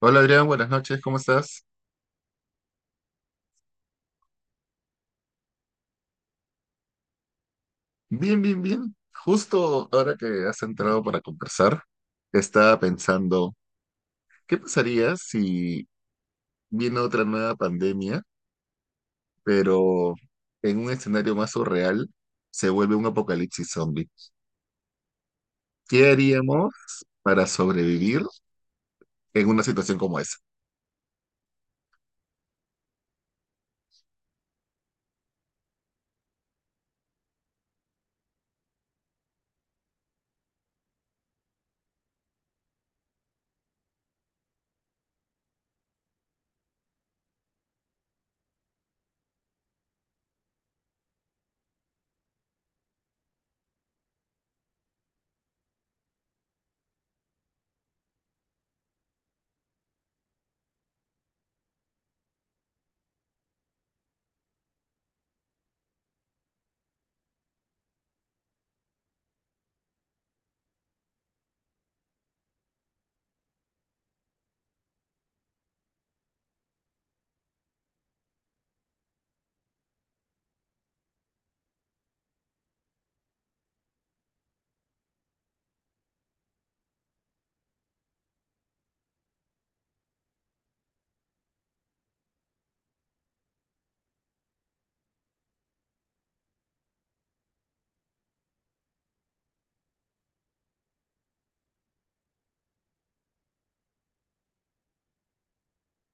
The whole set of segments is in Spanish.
Hola Adrián, buenas noches, ¿cómo estás? Bien, bien, bien. Justo ahora que has entrado para conversar, estaba pensando, ¿qué pasaría si viene otra nueva pandemia, pero en un escenario más surreal se vuelve un apocalipsis zombie? ¿Qué haríamos para sobrevivir en una situación como esa?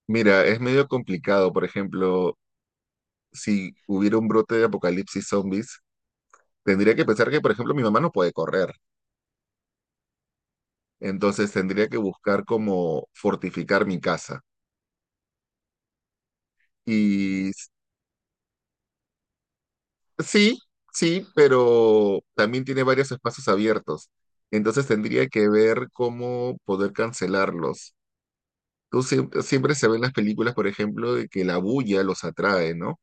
Mira, es medio complicado, por ejemplo, si hubiera un brote de apocalipsis zombies, tendría que pensar que, por ejemplo, mi mamá no puede correr. Entonces tendría que buscar como fortificar mi casa. Y sí, sí, pero también tiene varios espacios abiertos. Entonces tendría que ver cómo poder cancelarlos. Tú siempre, siempre se ven las películas, por ejemplo, de que la bulla los atrae, ¿no?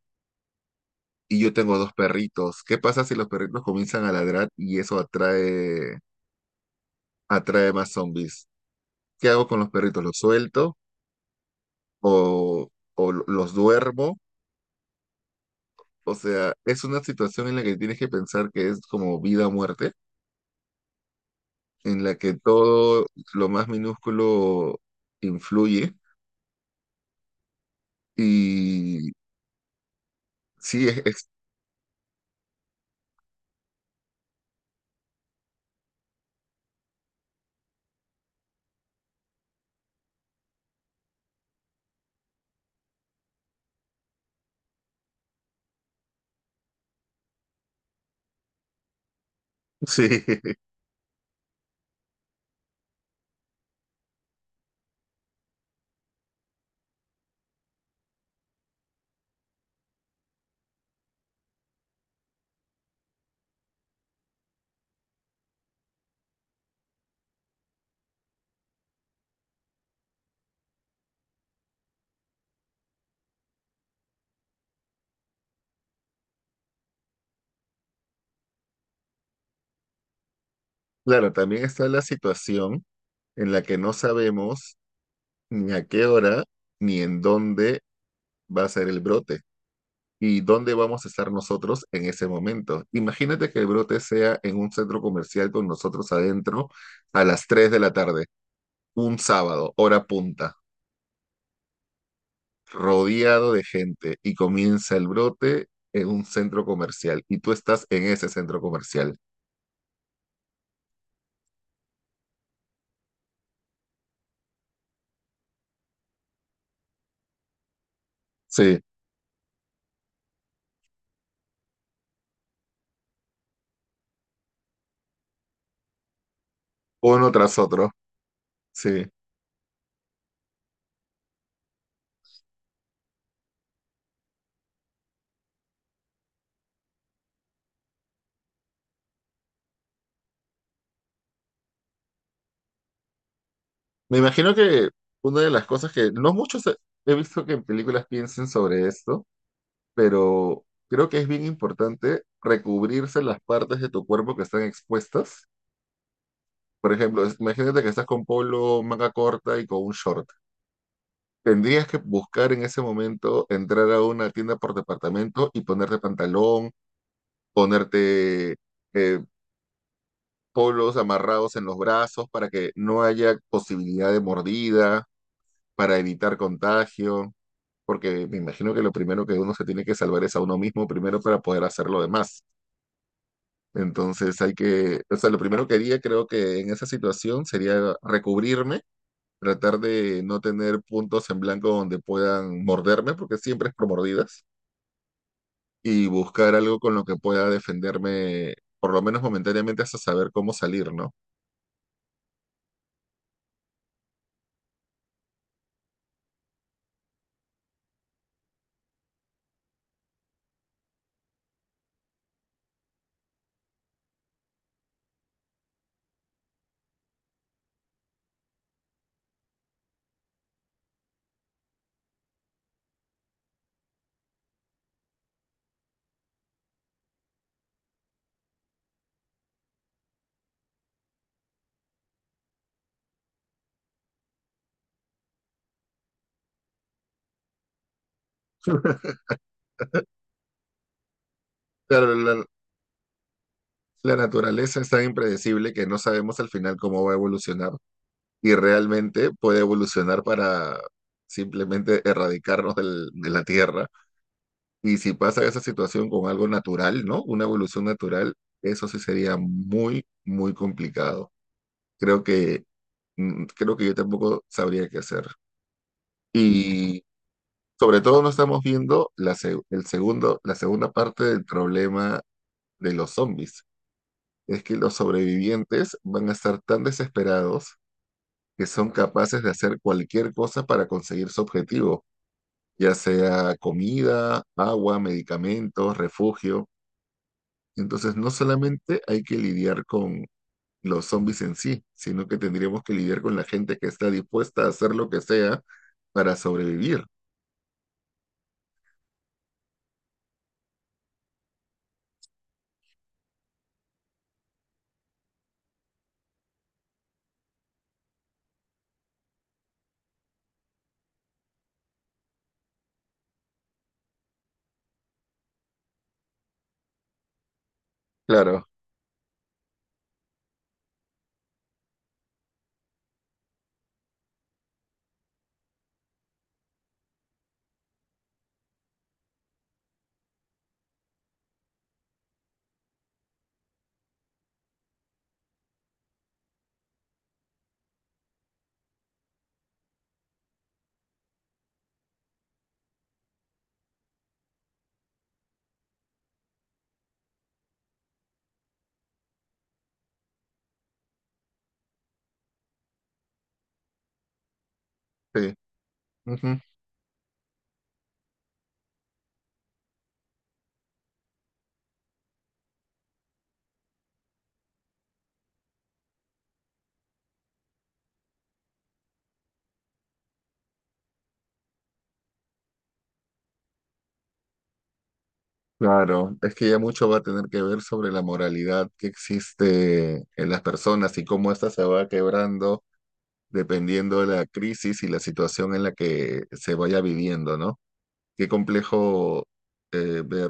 Y yo tengo dos perritos. ¿Qué pasa si los perritos comienzan a ladrar y eso atrae más zombies? ¿Qué hago con los perritos? ¿Los suelto o, o los duermo? O sea, es una situación en la que tienes que pensar que es como vida o muerte, en la que todo lo más minúsculo influye. Y sí, sí, claro, también está la situación en la que no sabemos ni a qué hora ni en dónde va a ser el brote y dónde vamos a estar nosotros en ese momento. Imagínate que el brote sea en un centro comercial con nosotros adentro a las 3 de la tarde, un sábado, hora punta, rodeado de gente y comienza el brote en un centro comercial y tú estás en ese centro comercial. Sí, uno tras otro. Sí. Me imagino que una de las cosas que no muchos he visto que en películas piensen sobre esto, pero creo que es bien importante recubrirse las partes de tu cuerpo que están expuestas. Por ejemplo, es- imagínate que estás con polo, manga corta y con un short. Tendrías que buscar en ese momento entrar a una tienda por departamento y ponerte pantalón, ponerte eh, polos amarrados en los brazos para que no haya posibilidad de mordida, para evitar contagio, porque me imagino que lo primero que uno se tiene que salvar es a uno mismo primero para poder hacer lo demás. Entonces hay que, o sea, lo primero que haría creo que en esa situación sería recubrirme, tratar de no tener puntos en blanco donde puedan morderme, porque siempre es por mordidas, y buscar algo con lo que pueda defenderme, por lo menos momentáneamente, hasta saber cómo salir, ¿no? Claro, la naturaleza es tan impredecible que no sabemos al final cómo va a evolucionar y realmente puede evolucionar para simplemente erradicarnos de la Tierra. Y si pasa esa situación con algo natural, ¿no? Una evolución natural, eso sí sería muy, muy complicado. Creo que, creo que yo tampoco sabría qué hacer. Y sobre todo no estamos viendo la, se- el segundo, la segunda parte del problema de los zombies, es que los sobrevivientes van a estar tan desesperados que son capaces de hacer cualquier cosa para conseguir su objetivo, ya sea comida, agua, medicamentos, refugio. Entonces, no solamente hay que lidiar con los zombies en sí, sino que tendríamos que lidiar con la gente que está dispuesta a hacer lo que sea para sobrevivir. Claro, sí. Ujú. Claro, es que ya mucho va a tener que ver sobre la moralidad que existe en las personas y cómo ésta se va quebrando dependiendo de la crisis y la situación en la que se vaya viviendo, ¿no? Qué complejo ver,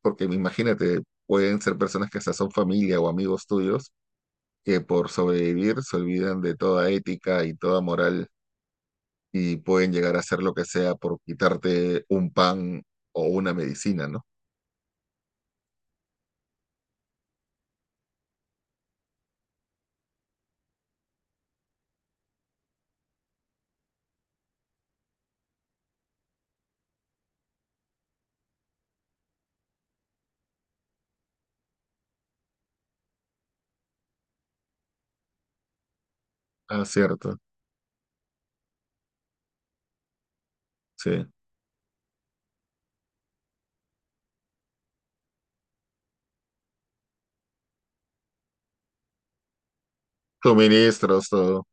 porque imagínate, pueden ser personas que hasta son familia o amigos tuyos que por sobrevivir se olvidan de toda ética y toda moral y pueden llegar a hacer lo que sea por quitarte un pan o una medicina, ¿no? Ah, cierto, sí. Suministros, todo.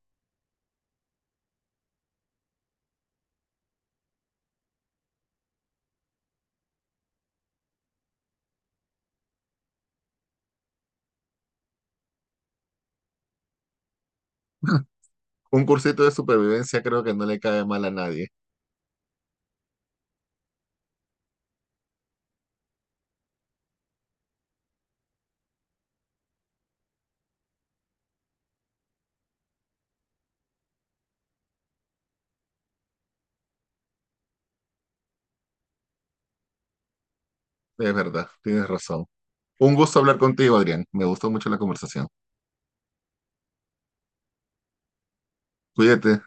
Un cursito de supervivencia creo que no le cae mal a nadie. Es verdad, tienes razón. Un gusto hablar contigo, Adrián. Me gustó mucho la conversación. Cuídate.